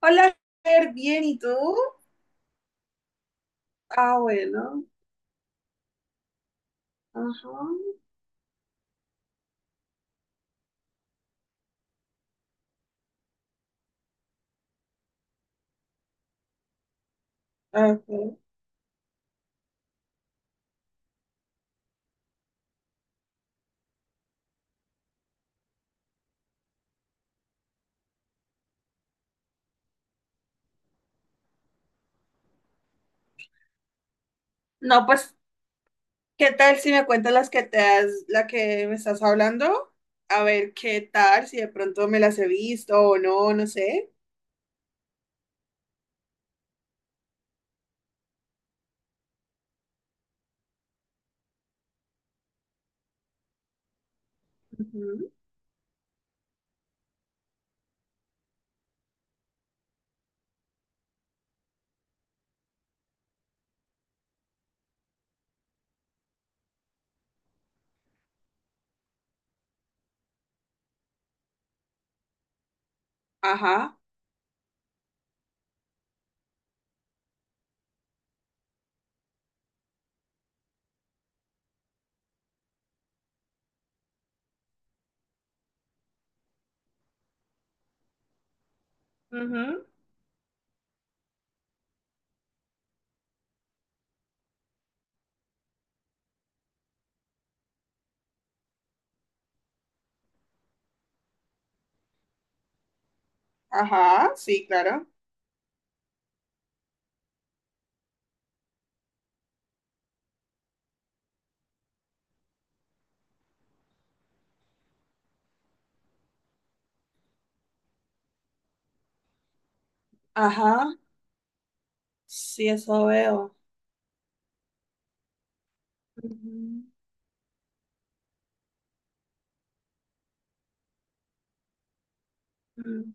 Hola, Fer, bien, ¿y tú? Ah, bueno. Ajá. Ok. No, pues, ¿qué tal si me cuentas las que te has, la que me estás hablando? A ver qué tal, si de pronto me las he visto o no, no sé. Ujú. Ajá. Ujú. Ajá, sí, claro. Ajá, sí, eso veo. Ujú.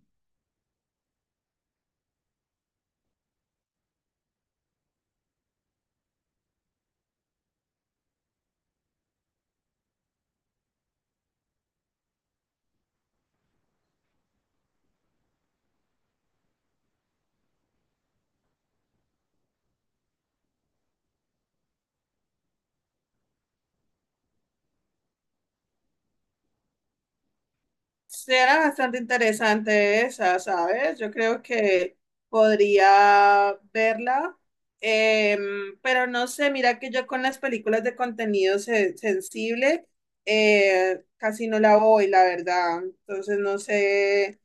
Será bastante interesante esa, ¿sabes? Yo creo que podría verla, pero no sé, mira que yo con las películas de contenido sensible casi no la voy, la verdad. Entonces no sé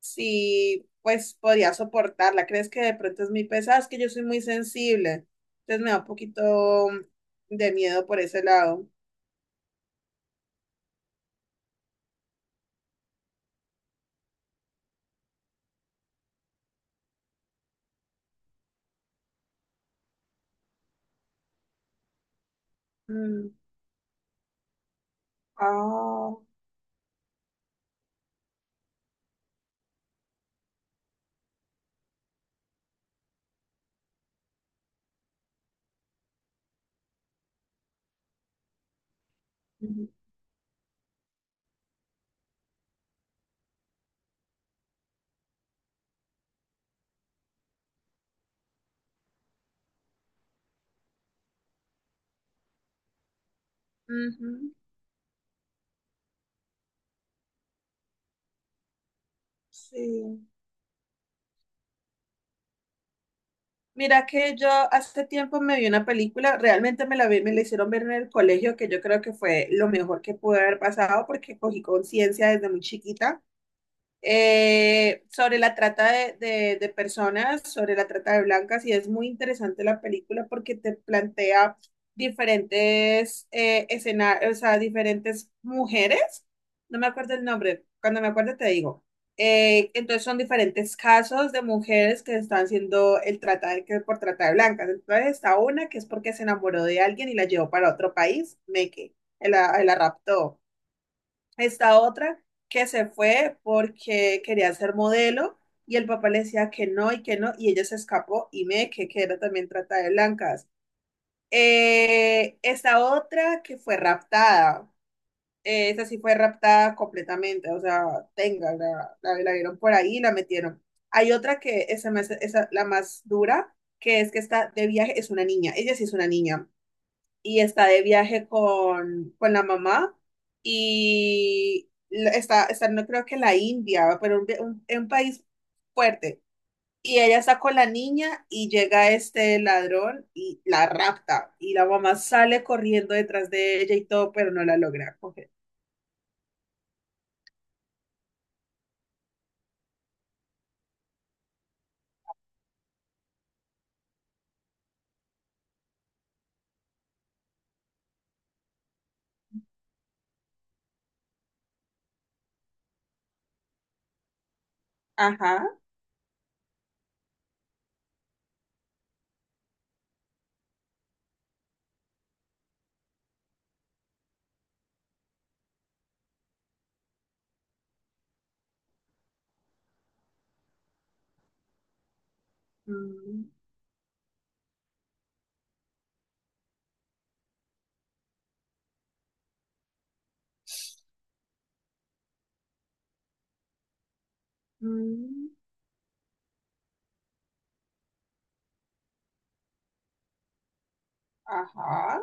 si pues podría soportarla. ¿Crees que de pronto es muy pesada? Es que yo soy muy sensible, entonces me da un poquito de miedo por ese lado. Mm. Ah, ujú, ujú, sí. Mira que yo hace tiempo me vi una película, realmente me la vi, me la hicieron ver en el colegio, que yo creo que fue lo mejor que pude haber pasado porque cogí conciencia desde muy chiquita, sobre la trata personas, sobre la trata de blancas, y es muy interesante la película porque te plantea diferentes escenarios, o sea, diferentes mujeres, no me acuerdo el nombre, cuando me acuerdo te digo. Entonces son diferentes casos de mujeres que están siendo el trata de, que por trata de blancas. Entonces está una que es porque se enamoró de alguien y la llevó para otro país, Meque, la raptó. Esta otra que se fue porque quería ser modelo y el papá le decía que no y ella se escapó y me que era también trata de blancas. Esta otra que fue raptada, esa sí fue raptada completamente, o sea, tenga, la vieron por ahí y la metieron. Hay otra que esa, esa la más dura, que es que está de viaje, es una niña, ella sí es una niña y está de viaje con la mamá y está, no creo que la India, pero un país fuerte. Y ella está con la niña y llega este ladrón y la rapta. Y la mamá sale corriendo detrás de ella y todo, pero no la logra coger. Ajá. Mm, mm, ajá.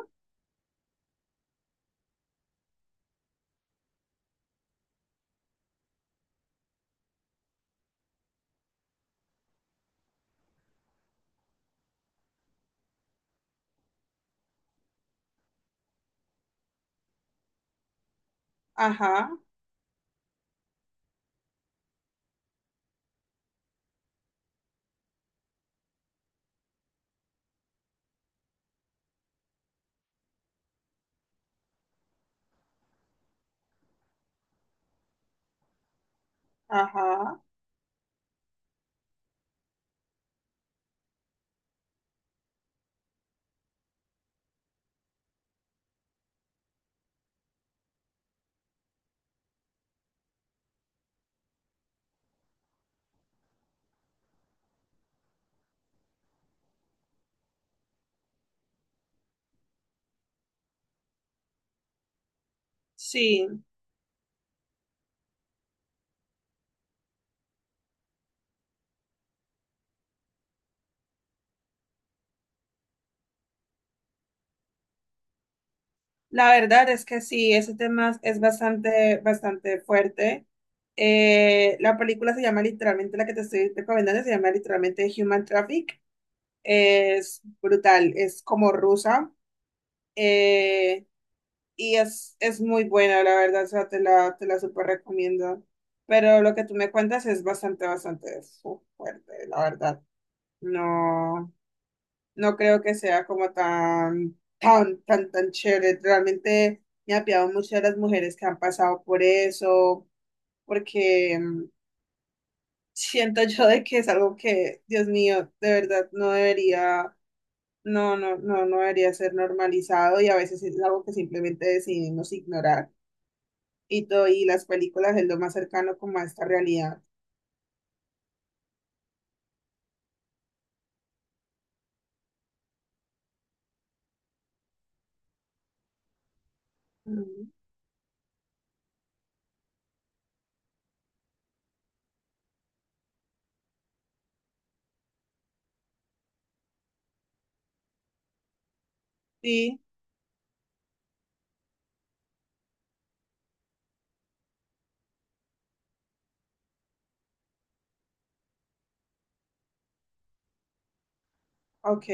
Ajá. Ajá. Sí. La verdad es que sí, ese tema es bastante, bastante fuerte. La película se llama literalmente, la que te estoy recomendando, se llama literalmente Human Traffic. Es brutal, es como rusa, eh, y es muy buena, la verdad, o sea, te la súper recomiendo. Pero lo que tú me cuentas es bastante, fuerte, la verdad. No no, creo que sea como tan, tan, tan, tan chévere. Realmente me apiado mucho de las mujeres que han pasado por eso, porque siento yo de que es algo que, Dios mío, de verdad no debería, no, no, no, no debería ser normalizado y a veces es algo que simplemente decidimos ignorar. Y todo, y las películas es lo más cercano como a esta realidad. Mm. Sí, ok.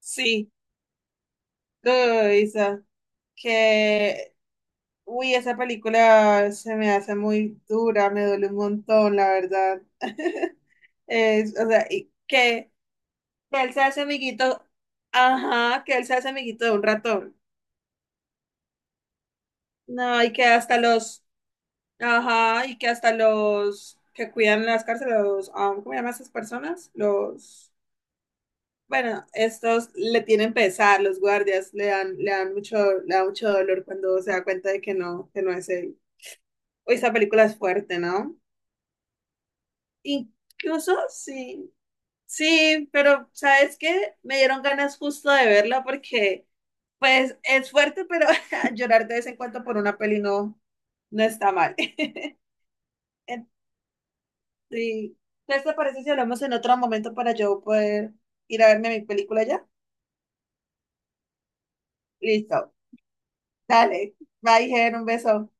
Sí, lo Isa, que... Uy, esa película se me hace muy dura, me duele un montón, la verdad. Es, o sea, y que él se hace amiguito, ajá, que él se hace amiguito de un ratón. No, y que hasta los, ajá, y que hasta los que cuidan las cárceles, los, ah, ¿cómo llaman esas personas? Los, bueno, estos le tienen pesar, los guardias le dan mucho, le da mucho dolor cuando se da cuenta de que no es él. Uy, esa película es fuerte, ¿no? Incluso sí, sí, pero ¿sabes qué? Me dieron ganas justo de verla porque, pues, es fuerte, pero llorar de vez en cuando por una peli no, no está mal. En... Sí. Entonces, ¿te parece si hablamos en otro momento para yo poder ir a verme mi película ya? Listo. Dale. Bye, Ger, un beso.